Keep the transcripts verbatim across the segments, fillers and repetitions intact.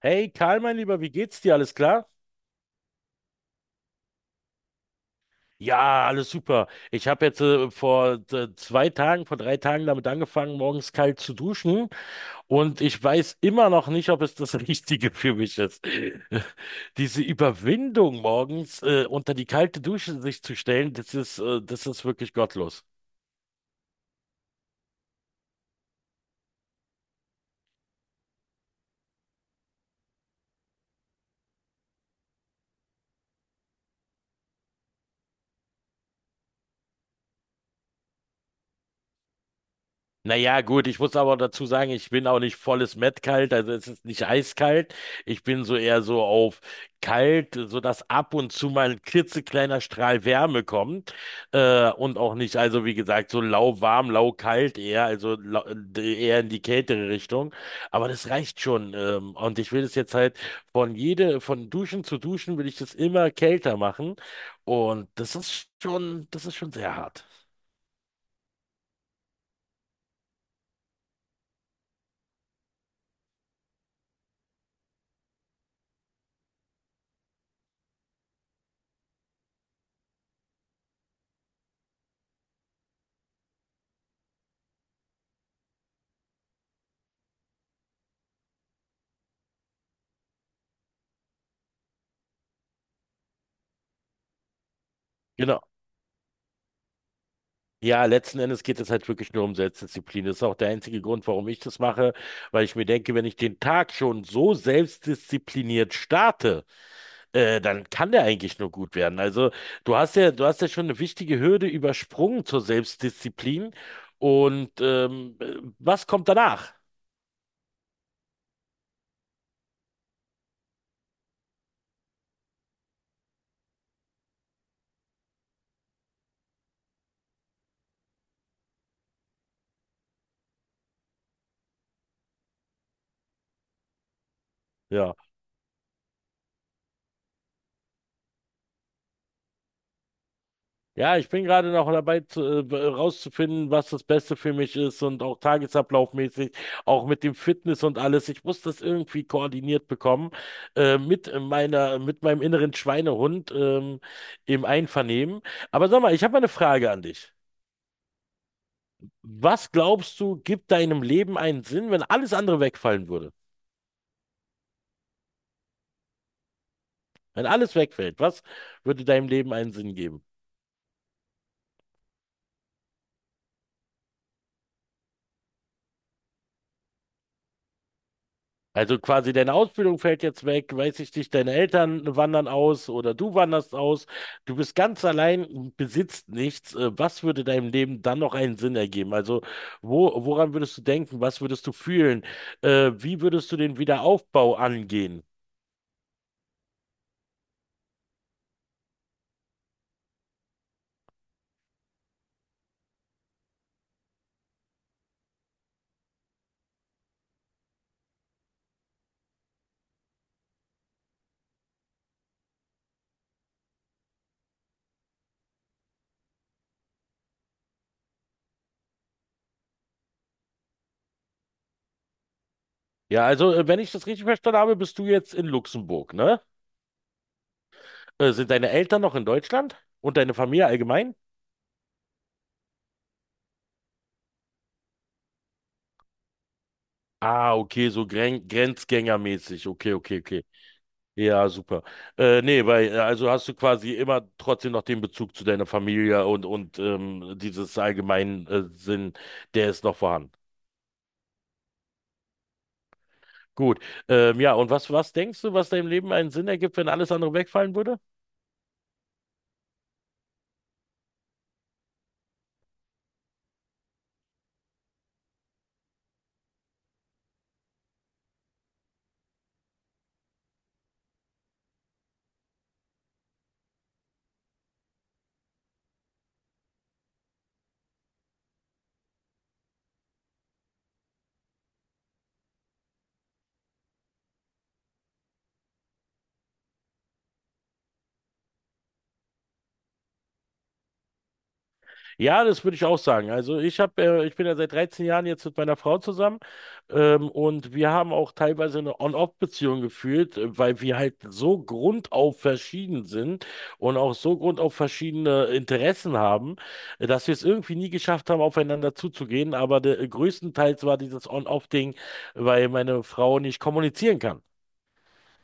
Hey Karl, mein Lieber, wie geht's dir? Alles klar? Ja, alles super. Ich habe jetzt äh, vor äh, zwei Tagen, vor drei Tagen damit angefangen, morgens kalt zu duschen und ich weiß immer noch nicht, ob es das Richtige für mich ist. Diese Überwindung morgens äh, unter die kalte Dusche sich zu stellen, das ist, äh, das ist wirklich gottlos. Naja, gut, ich muss aber dazu sagen, ich bin auch nicht volles Mettkalt, also es ist nicht eiskalt. Ich bin so eher so auf kalt, sodass ab und zu mal ein klitzekleiner Strahl Wärme kommt. Äh, und auch nicht, also wie gesagt, so lauwarm, laukalt eher, also lau, äh, eher in die kältere Richtung. Aber das reicht schon. Ähm, und ich will das jetzt halt von jede, von Duschen zu Duschen will ich das immer kälter machen. Und das ist schon, das ist schon sehr hart. Genau. Ja, letzten Endes geht es halt wirklich nur um Selbstdisziplin. Das ist auch der einzige Grund, warum ich das mache, weil ich mir denke, wenn ich den Tag schon so selbstdiszipliniert starte, äh, dann kann der eigentlich nur gut werden. Also du hast ja, du hast ja schon eine wichtige Hürde übersprungen zur Selbstdisziplin. Und ähm, äh, was kommt danach? Ja. Ja, ich bin gerade noch dabei, zu, äh, rauszufinden, was das Beste für mich ist, und auch tagesablaufmäßig, auch mit dem Fitness und alles. Ich muss das irgendwie koordiniert bekommen, äh, mit äh, meiner, mit meinem inneren Schweinehund, ähm, im Einvernehmen. Aber sag mal, ich habe mal eine Frage an dich. Was glaubst du, gibt deinem Leben einen Sinn, wenn alles andere wegfallen würde? Wenn alles wegfällt, was würde deinem Leben einen Sinn geben? Also quasi deine Ausbildung fällt jetzt weg, weiß ich nicht, deine Eltern wandern aus oder du wanderst aus, du bist ganz allein, besitzt nichts. Äh, Was würde deinem Leben dann noch einen Sinn ergeben? Also wo, woran würdest du denken? Was würdest du fühlen? Äh, wie würdest du den Wiederaufbau angehen? Ja, also äh, wenn ich das richtig verstanden habe, bist du jetzt in Luxemburg, ne? Äh, sind deine Eltern noch in Deutschland und deine Familie allgemein? Ah, okay, so Gren Grenzgängermäßig. Okay, okay, okay. Ja, super. Äh, nee, weil, äh, also hast du quasi immer trotzdem noch den Bezug zu deiner Familie und, und ähm, dieses allgemeinen äh, Sinn, der ist noch vorhanden. Gut. Ähm, ja, und was, was denkst du, was deinem Leben einen Sinn ergibt, wenn alles andere wegfallen würde? Ja, das würde ich auch sagen. Also ich habe, äh, ich bin ja seit dreizehn Jahren jetzt mit meiner Frau zusammen, ähm, und wir haben auch teilweise eine On-Off-Beziehung geführt, äh, weil wir halt so grundauf verschieden sind und auch so grundauf verschiedene Interessen haben, äh, dass wir es irgendwie nie geschafft haben, aufeinander zuzugehen. Aber der, äh, größtenteils war dieses On-Off-Ding, weil meine Frau nicht kommunizieren kann.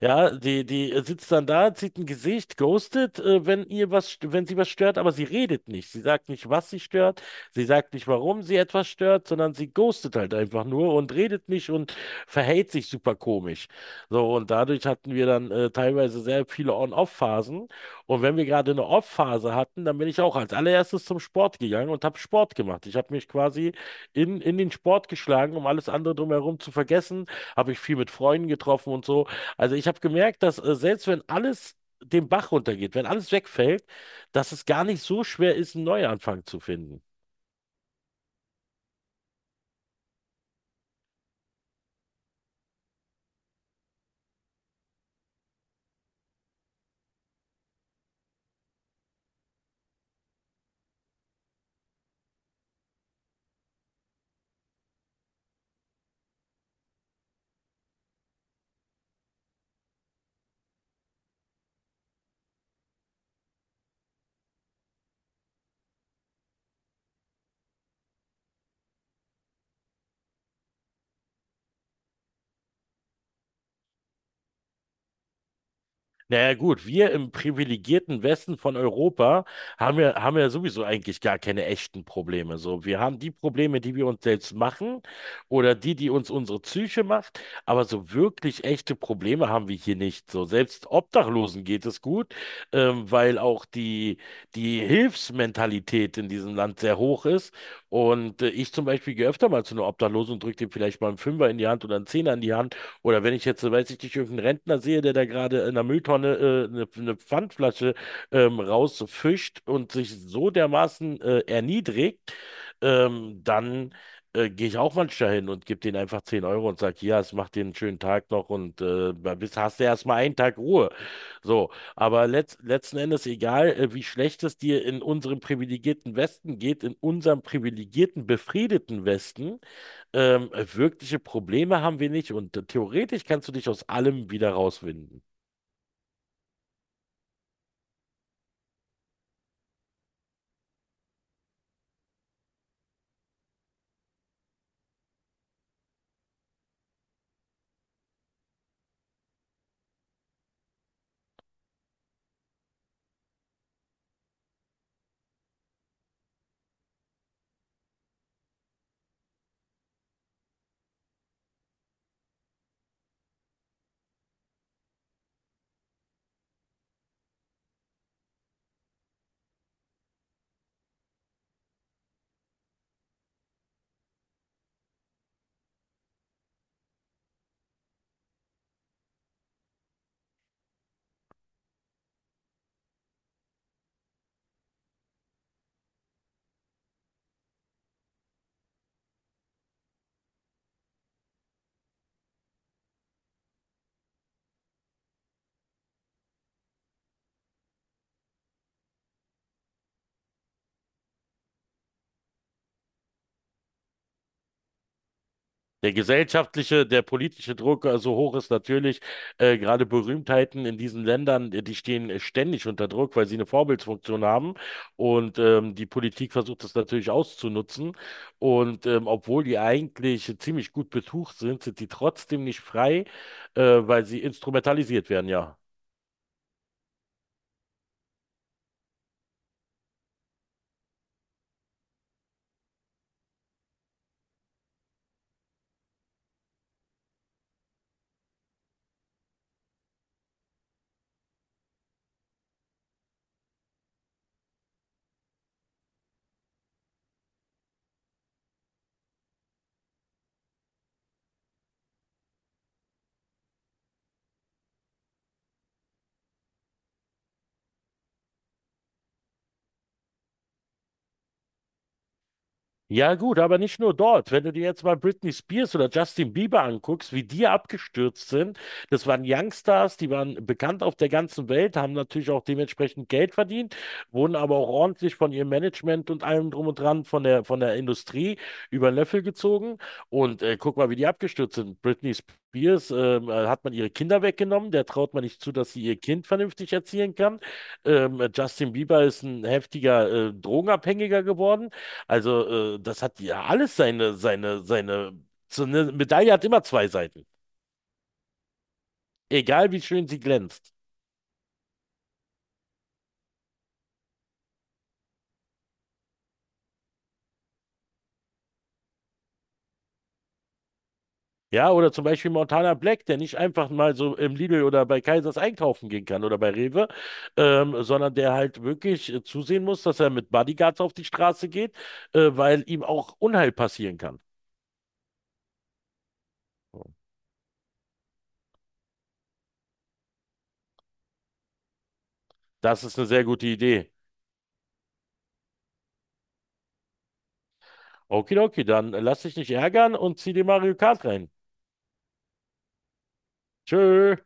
Ja, die, die sitzt dann da, zieht ein Gesicht, ghostet, äh, wenn ihr was, st- wenn sie was stört, aber sie redet nicht. Sie sagt nicht, was sie stört, sie sagt nicht, warum sie etwas stört, sondern sie ghostet halt einfach nur und redet nicht und verhält sich super komisch. So, und dadurch hatten wir dann äh, teilweise sehr viele On-Off-Phasen. Und wenn wir gerade eine Off-Phase hatten, dann bin ich auch als allererstes zum Sport gegangen und habe Sport gemacht. Ich habe mich quasi in, in den Sport geschlagen, um alles andere drumherum zu vergessen. Habe ich viel mit Freunden getroffen und so. Also ich habe gemerkt, dass äh, selbst wenn alles den Bach runtergeht, wenn alles wegfällt, dass es gar nicht so schwer ist, einen Neuanfang zu finden. Naja gut, wir im privilegierten Westen von Europa haben ja, haben ja sowieso eigentlich gar keine echten Probleme. So, wir haben die Probleme, die wir uns selbst machen oder die, die uns unsere Psyche macht, aber so wirklich echte Probleme haben wir hier nicht. So, selbst Obdachlosen geht es gut, ähm, weil auch die, die Hilfsmentalität in diesem Land sehr hoch ist. Und äh, ich zum Beispiel gehe öfter mal zu einer Obdachlosen und drücke dem vielleicht mal einen Fünfer in die Hand oder einen Zehner in die Hand oder wenn ich jetzt, weiß ich nicht, irgendeinen Rentner sehe, der da gerade in der Mülltonne äh, eine, eine Pfandflasche ähm, rausfischt und sich so dermaßen äh, erniedrigt, ähm, dann äh, gehe ich auch manchmal hin und gebe denen einfach zehn Euro und sage, ja, es macht dir einen schönen Tag noch und äh, bis hast du erstmal einen Tag Ruhe. So, aber letz letzten Endes, egal äh, wie schlecht es dir in unserem privilegierten Westen geht, in unserem privilegierten, befriedeten Westen, ähm, äh, wirkliche Probleme haben wir nicht und theoretisch kannst du dich aus allem wieder rauswinden. Der gesellschaftliche, der politische Druck äh, so hoch ist natürlich, äh, gerade Berühmtheiten in diesen Ländern, äh, die stehen äh, ständig unter Druck, weil sie eine Vorbildsfunktion haben und ähm, die Politik versucht das natürlich auszunutzen und ähm, obwohl die eigentlich ziemlich gut betucht sind, sind die trotzdem nicht frei, äh, weil sie instrumentalisiert werden, ja. Ja gut, aber nicht nur dort. Wenn du dir jetzt mal Britney Spears oder Justin Bieber anguckst, wie die abgestürzt sind, das waren Youngstars, die waren bekannt auf der ganzen Welt, haben natürlich auch dementsprechend Geld verdient, wurden aber auch ordentlich von ihrem Management und allem drum und dran von der von der Industrie über den Löffel gezogen. Und äh, guck mal, wie die abgestürzt sind. Britney Spears ähm, äh, hat man ihre Kinder weggenommen, der traut man nicht zu, dass sie ihr Kind vernünftig erziehen kann. Ähm, Justin Bieber ist ein heftiger äh, Drogenabhängiger geworden. Also, äh, das hat ja alles seine, seine, seine. So eine Medaille hat immer zwei Seiten. Egal wie schön sie glänzt. Ja, oder zum Beispiel Montana Black, der nicht einfach mal so im Lidl oder bei Kaisers einkaufen gehen kann oder bei Rewe, ähm, sondern der halt wirklich äh, zusehen muss, dass er mit Bodyguards auf die Straße geht, äh, weil ihm auch Unheil passieren kann. Das ist eine sehr gute Idee. Okidoki, dann äh, lass dich nicht ärgern und zieh dir Mario Kart rein. Tschö.